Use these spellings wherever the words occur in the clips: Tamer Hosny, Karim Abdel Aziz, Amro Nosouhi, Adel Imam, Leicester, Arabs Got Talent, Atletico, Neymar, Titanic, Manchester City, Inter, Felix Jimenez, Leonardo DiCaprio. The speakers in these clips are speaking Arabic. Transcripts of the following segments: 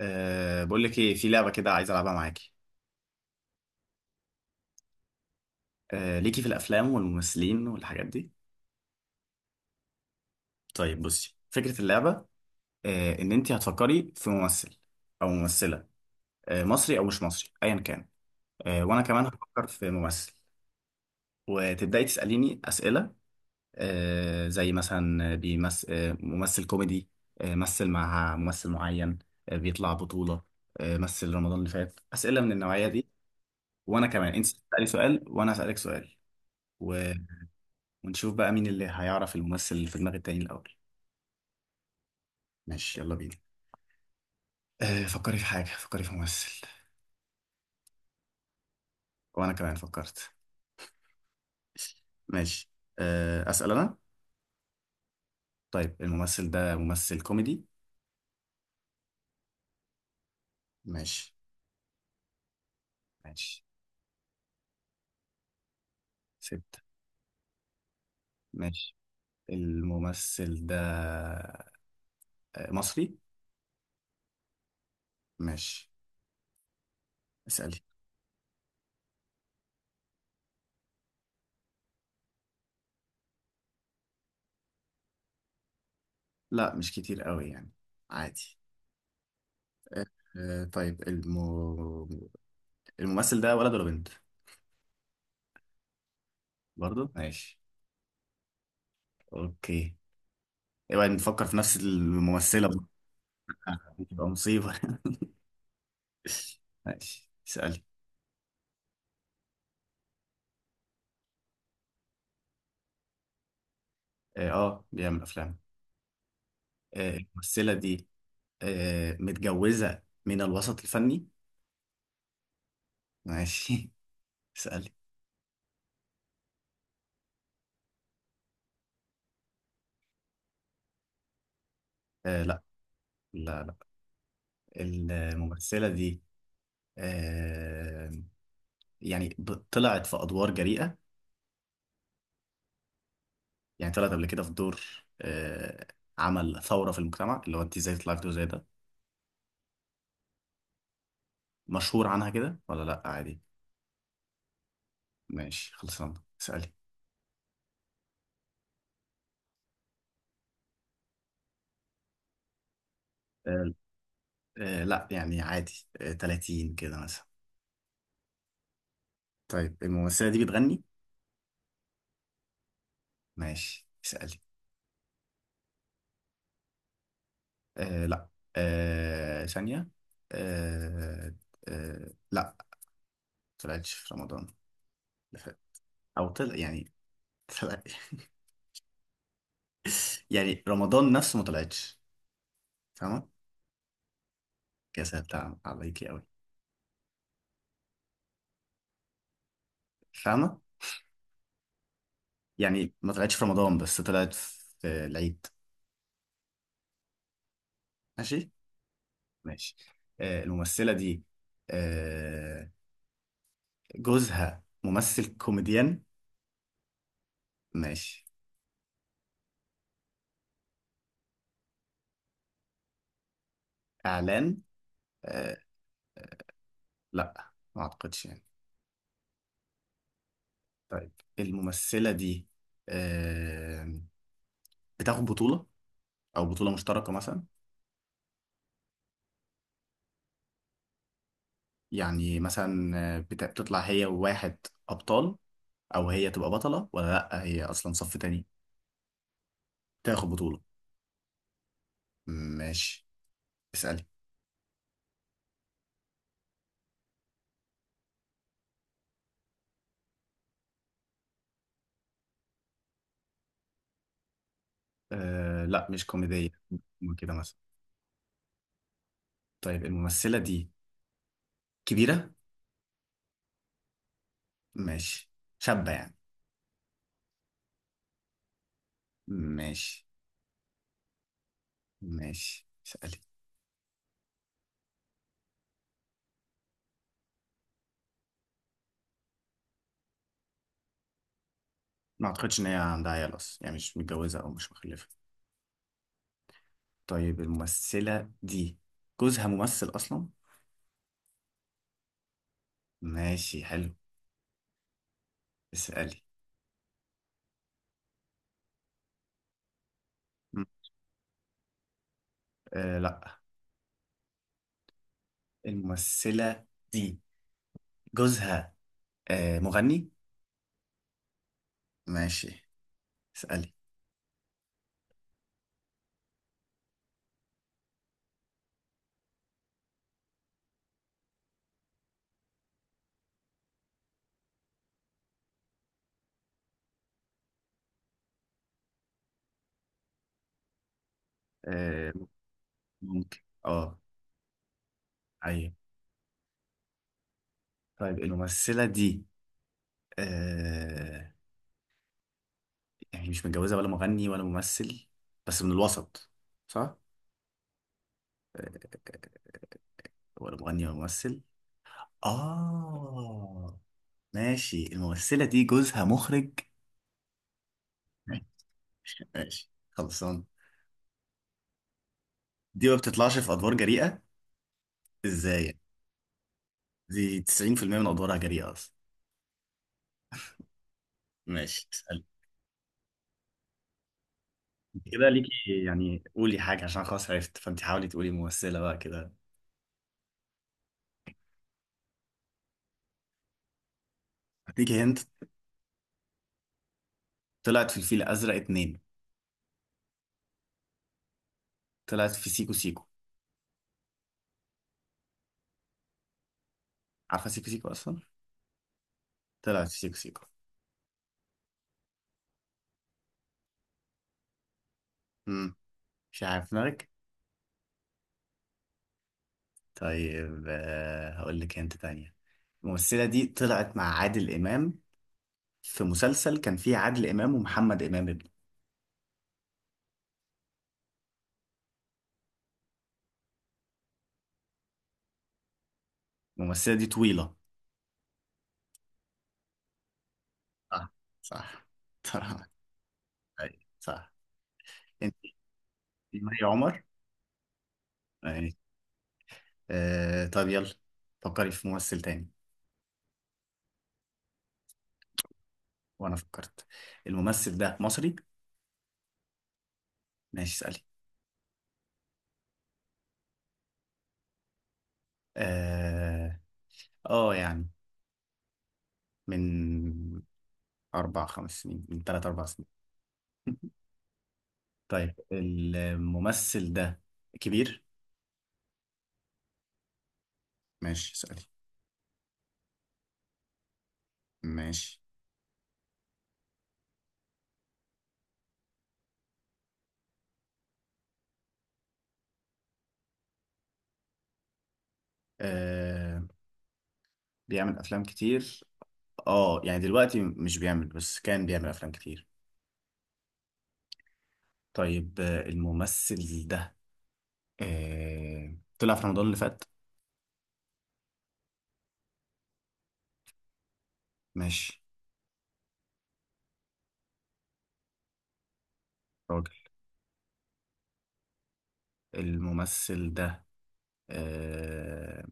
بقول لك ايه في لعبه كده عايز العبها معاكي. ليكي في الافلام والممثلين والحاجات دي. طيب بصي، فكره اللعبه، ان انت هتفكري في ممثل او ممثله، مصري او مش مصري ايا كان. وانا كمان هفكر في ممثل، وتبداي تساليني اسئله، زي مثلا بيمثل ممثل كوميدي، مثل مع ممثل معين، بيطلع بطوله، مثل رمضان اللي فات، اسئله من النوعيه دي. وانا كمان انت تسالي سؤال وانا اسالك سؤال. ونشوف بقى مين اللي هيعرف الممثل اللي في دماغ التاني الأول. ماشي يلا بينا. فكري في حاجة، فكري في ممثل. وأنا كمان فكرت. ماشي. أسأل أنا. طيب الممثل ده ممثل كوميدي؟ ماشي. ماشي. سبت. ماشي. الممثل ده مصري. ماشي. اسألي. لا مش كتير قوي يعني، عادي. أه طيب، الممثل ده ولد ولا بنت؟ برضه ماشي. اوكي. اوعي نفكر في نفس الممثلة، بتبقى مصيبة. ماشي، اسألي. اه، بيعمل أفلام. الممثلة دي متجوزة من الوسط الفني. ماشي. اسألي. لا. لا لا. الممثلة دي آه، يعني طلعت في أدوار جريئة. يعني طلعت قبل كده في دور آه، عمل ثورة في المجتمع، اللي هو انت ازاي تطلعي في دور زي ده. مشهور عنها كده ولا لا، عادي. ماشي خلصنا. اسألي. آه، لا يعني عادي، 30 كده مثلا. طيب الممثلة دي بتغني؟ ماشي اسألي. لا. ثانية. آه لا. طلعتش في رمضان اللي فات. أو طلع يعني، طلع. يعني رمضان نفسه ما طلعتش. فاهمة؟ كده سهلتها عليكي أوي. فاهمة؟ يعني ما طلعتش في رمضان بس طلعت في العيد. ماشي؟ ماشي. الممثلة دي آه جوزها ممثل كوميديان. ماشي. إعلان. آه لا ما أعتقدش يعني. طيب الممثلة دي آه، بتاخد بطولة، أو بطولة مشتركة مثلا. يعني مثلا بتطلع هي وواحد، أبطال. أو هي تبقى بطلة ولا لأ هي أصلا صف تاني. تاخد بطولة. ماشي اسألي. لا مش كوميدية، كده مثلا. طيب الممثلة دي كبيرة. ماشي. شابة يعني. ماشي. ماشي اسألي. ما أعتقدش إن هي عندها عيال أصلا، يعني مش متجوزة أو مش مخلفة. طيب الممثلة دي جوزها ممثل أصلا؟ ماشي حلو. اسألي. م- لا. الممثلة دي جوزها مغني؟ ماشي اسألي. آه ممكن. اه. أيوة. طيب الممثلة دي آه يعني مش متجوزة ولا مغني ولا ممثل، بس من الوسط. صح؟ آه ولا مغني ولا ممثل؟ آه ماشي. الممثلة دي جوزها مخرج؟ ماشي ماشي خلصان. دي ما بتطلعش في ادوار جريئه. ازاي يعني؟ دي 90% من ادوارها جريئه اصلا. ماشي تسأل. كده ليكي، يعني قولي حاجه عشان خلاص عرفت، فانت حاولي تقولي ممثله بقى كده. هديكي هنت. طلعت في الفيل الازرق 2. طلعت في سيكو سيكو. عارفه سيكو سيكو اصلا. طلعت في سيكو سيكو. امم مش عارف دماغك. طيب هقول لك هنت تانية. الممثله دي طلعت مع عادل امام في مسلسل كان فيه عادل امام ومحمد امام ابنه. الممثله دي طويله. صح. صح. طبعا. أيوة، صح. انت مي عمر. اهي. طب يلا، فكري في ممثل تاني. وانا فكرت. الممثل ده مصري. ماشي اسألي. اه. يعني من 4 5 سنين، من 3 4 سنين. طيب الممثل ده كبير. ماشي اسألي. ماشي. آه بيعمل افلام كتير. اه يعني دلوقتي مش بيعمل، بس كان بيعمل افلام كتير. طيب الممثل ده طلع في رمضان اللي فات. ماشي. راجل. الممثل ده آه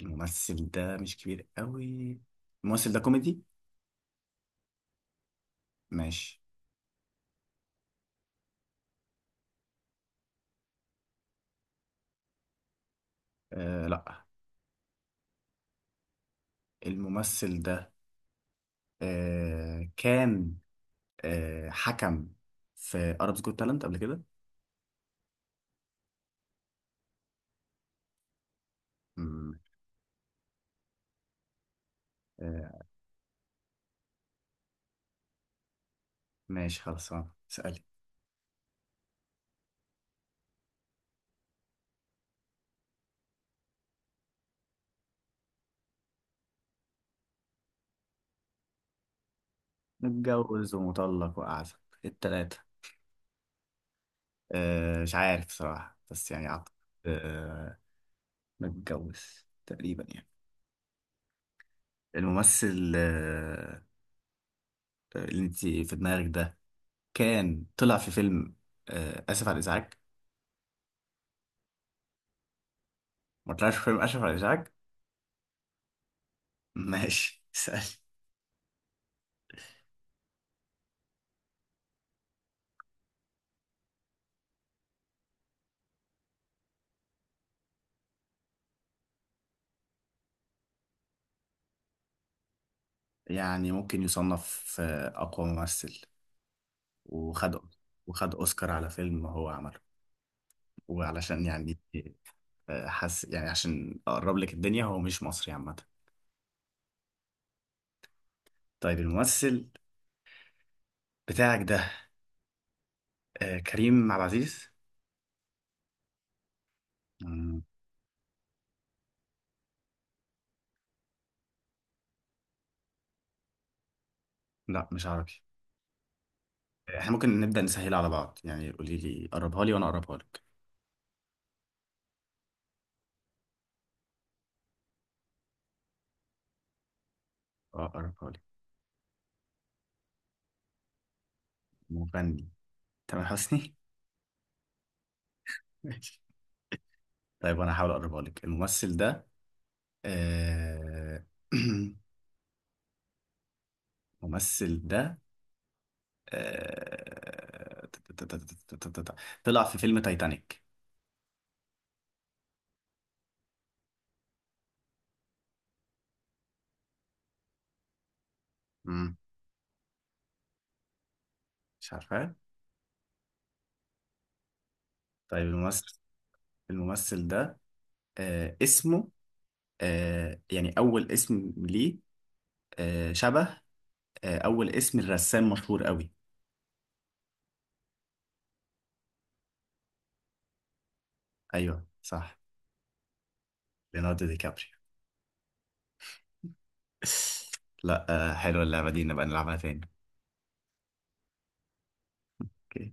الممثل ده مش كبير قوي. الممثل ده كوميدي. ماشي. لا. الممثل ده كان حكم في Arabs Got Talent قبل كده. مم. آه ماشي خلاص، سألي. متجوز ومطلق وأعزب، التلاتة. مش عارف صراحة بس يعني أعتقد آه متجوز تقريبا يعني. الممثل اللي انت في دماغك ده كان طلع في فيلم اسف على الازعاج. ما طلعش في فيلم اسف على الازعاج. ماشي اسال. يعني ممكن يصنف اقوى ممثل، وخد وخد اوسكار على فيلم هو عمله. وعلشان يعني حس يعني، عشان اقرب لك الدنيا هو مش مصري عامه. طيب الممثل بتاعك ده كريم عبد العزيز. مم. لا مش عربي. احنا ممكن نبدأ نسهل على بعض، يعني قولي لي قربها لي وانا اقربها لك. اه قربها لي. مغني. تامر حسني. ماشي. طيب انا هحاول اقربها لك. الممثل ده آه... الممثل ده آه... تا- تا- تا- تا- تا- تا- تا- تا- طلع في فيلم تايتانيك. مم. مش عارفه. طيب الممثل ده اسمه يعني اول اسم ليه شبه، اول اسم الرسام مشهور قوي. ايوه صح. ليوناردو دي كابريو. لا. حلوه اللعبه دي، نبقى نلعبها تاني. اوكي.